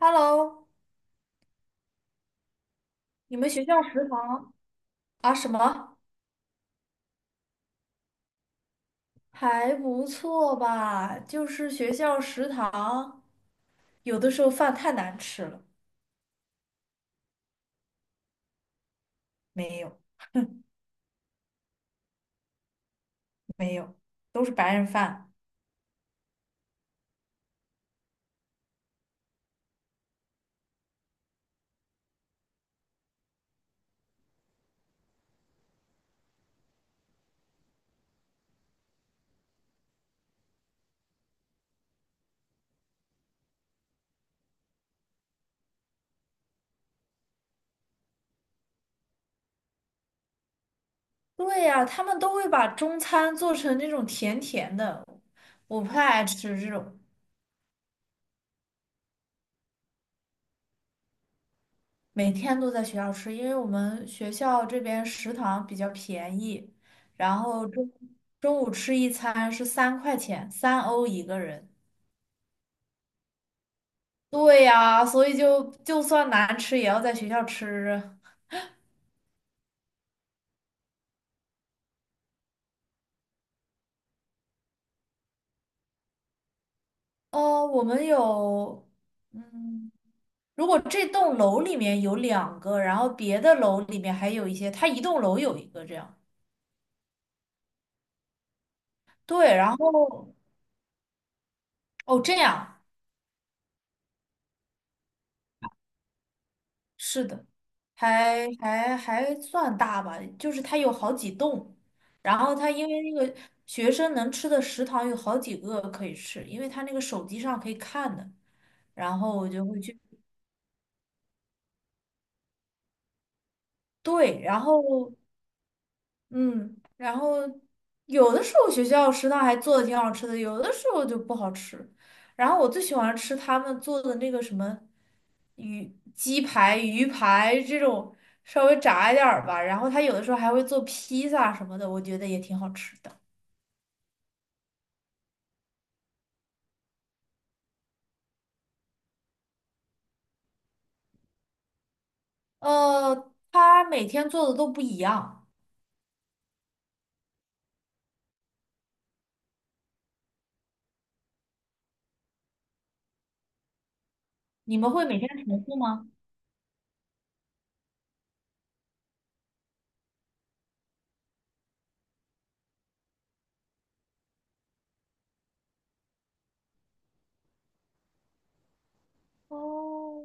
Hello，你们学校食堂啊什么还不错吧？就是学校食堂有的时候饭太难吃了。没有没有，都是白人饭。对呀，他们都会把中餐做成那种甜甜的，我不太爱吃这种。每天都在学校吃，因为我们学校这边食堂比较便宜，然后中午吃一餐是三块钱，3欧一个人。对呀，所以就算难吃，也要在学校吃啊。哦，我们有，嗯，如果这栋楼里面有两个，然后别的楼里面还有一些，它一栋楼有一个这样。对，然后哦，这样是的，还算大吧，就是它有好几栋，然后它因为那个学生能吃的食堂有好几个可以吃，因为它那个手机上可以看的，然后我就会去。对，然后嗯，然后有的时候学校食堂还做的挺好吃的，有的时候就不好吃。然后我最喜欢吃他们做的那个什么鱼鸡排、鱼排这种稍微炸一点儿吧。然后他有的时候还会做披萨什么的，我觉得也挺好吃的。他每天做的都不一样。你们会每天重复吗？哦，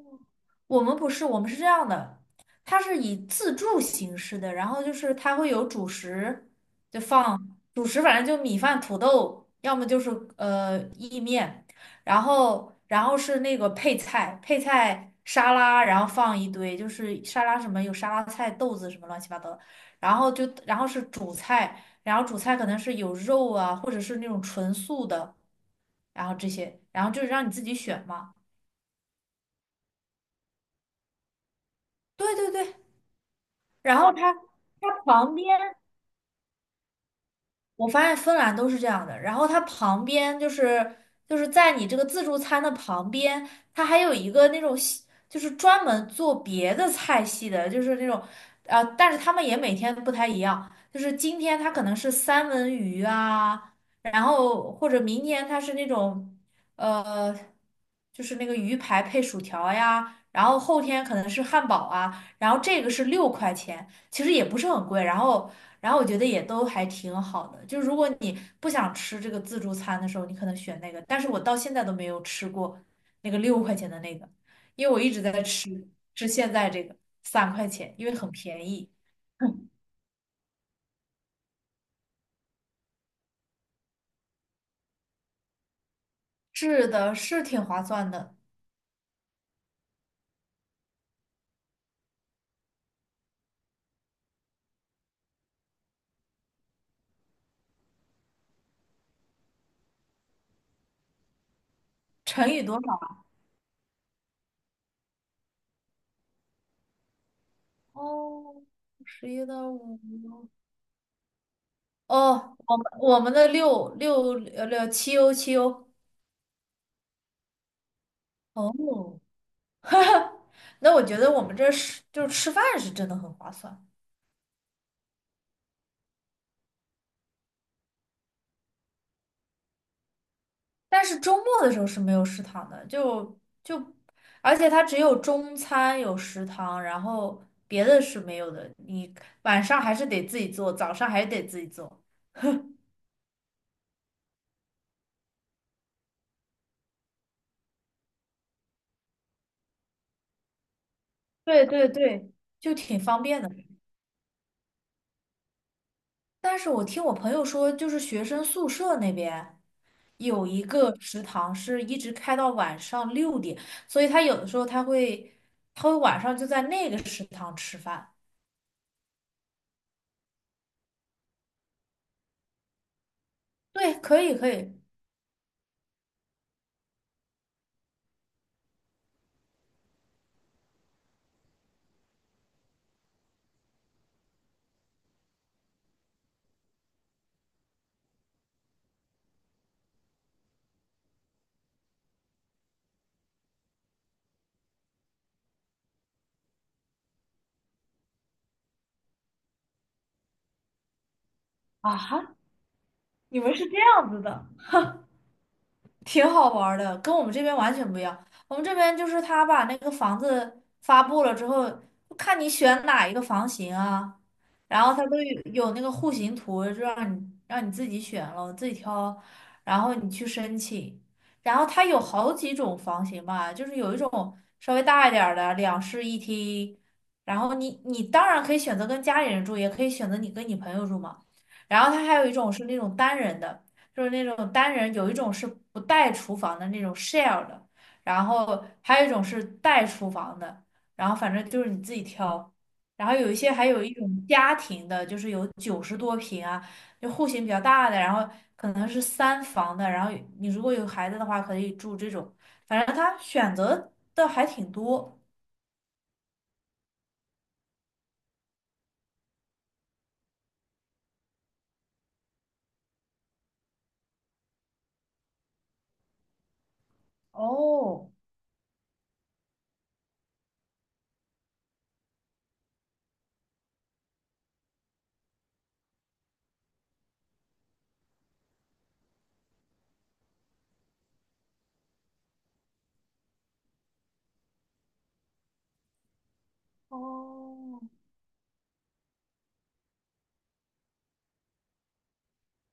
我们不是，我们是这样的，它是以自助形式的，然后就是它会有主食，就放主食，反正就米饭、土豆，要么就是意面，然后是那个配菜，配菜沙拉，然后放一堆，就是沙拉什么有沙拉菜、豆子什么乱七八糟的，然后就然后是主菜，然后主菜可能是有肉啊，或者是那种纯素的，然后这些，然后就是让你自己选嘛。对对对。然后它旁边，我发现芬兰都是这样的。然后它旁边就是在你这个自助餐的旁边，它还有一个那种西就是专门做别的菜系的，就是那种但是他们也每天不太一样。就是今天它可能是三文鱼啊，然后或者明天它是那种呃，就是那个鱼排配薯条呀，然后后天可能是汉堡啊，然后这个是六块钱。其实也不是很贵，然后我觉得也都还挺好的，就如果你不想吃这个自助餐的时候，你可能选那个，但是我到现在都没有吃过那个六块钱的那个，因为我一直在吃现在这个三块钱，因为很便宜。嗯，是的，是挺划算的。乘以多少啊？哦，11.5。哦，我们的六七欧七欧。哦，那我觉得我们这是就是吃饭是真的很划算。但是周末的时候是没有食堂的，就，而且它只有中餐有食堂，然后别的是没有的。你晚上还是得自己做，早上还得自己做。对对对，就挺方便的。但是我听我朋友说，就是学生宿舍那边有一个食堂是一直开到晚上6点，所以他有的时候他会晚上就在那个食堂吃饭。对，可以可以。啊哈，你们是这样子的。挺好玩儿的，跟我们这边完全不一样。我们这边就是他把那个房子发布了之后，就看你选哪一个房型啊，然后他都有那个户型图，就让你自己选了，自己挑，然后你去申请。然后他有好几种房型吧，就是有一种稍微大一点儿的两室一厅，然后你当然可以选择跟家里人住，也可以选择你跟你朋友住嘛。然后他还有一种是那种单人的。就是那种单人，有一种是不带厨房的那种 share 的，然后还有一种是带厨房的，然后反正就是你自己挑。然后有一些还有一种家庭的，就是有90多平啊，就户型比较大的，然后可能是三房的，然后你如果有孩子的话，可以住这种。反正他选择的还挺多。哦，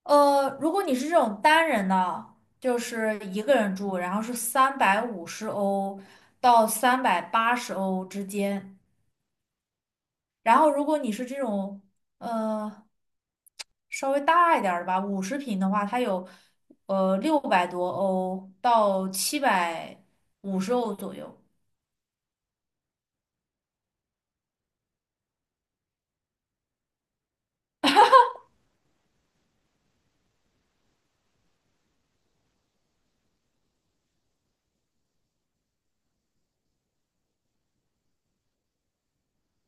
如果你是这种单人的，就是一个人住，然后是350欧到380欧之间。然后如果你是这种呃稍微大一点儿的吧，50平的话，它有600多欧到750欧左右。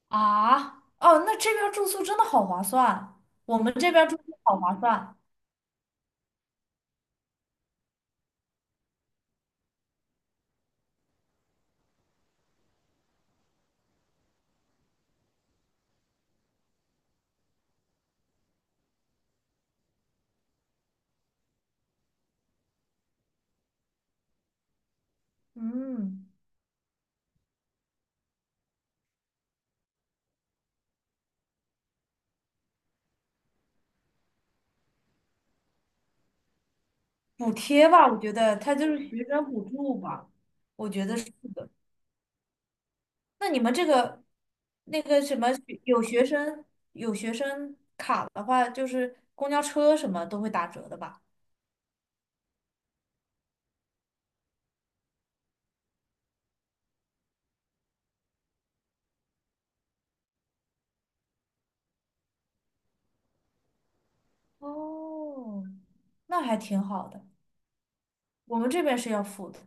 啊，哦，那这边儿住宿真的好划算，我们这边儿住宿好划算。嗯。补贴吧，我觉得它就是学生补助吧，我觉得是的。那你们这个那个什么学，有学生卡的话，就是公交车什么都会打折的吧？哦，那还挺好的。我们这边是要付的。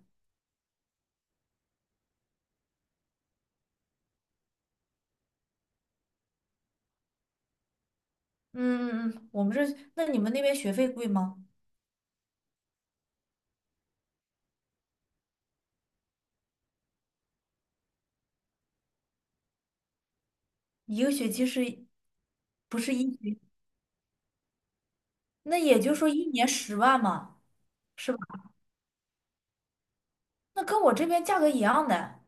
嗯嗯嗯，我们这，那你们那边学费贵吗？一个学期是，不是一学那也就是说一年10万嘛，是吧？那跟我这边价格一样的。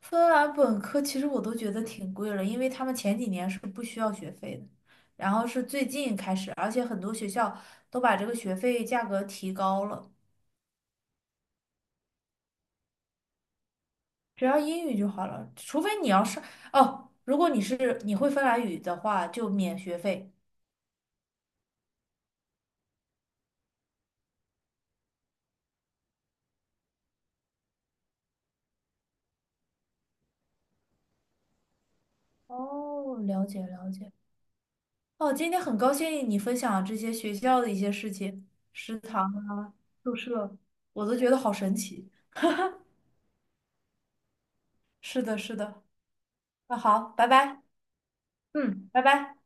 芬兰本科其实我都觉得挺贵了，因为他们前几年是不需要学费的，然后是最近开始，而且很多学校都把这个学费价格提高了，只要英语就好了，除非你要上，哦，如果你是你会芬兰语的话，就免学费。哦，了解了解。哦，今天很高兴你分享这些学校的一些事情，食堂啊，宿舍，我都觉得好神奇。是的，是的。那好，拜拜。嗯，拜拜。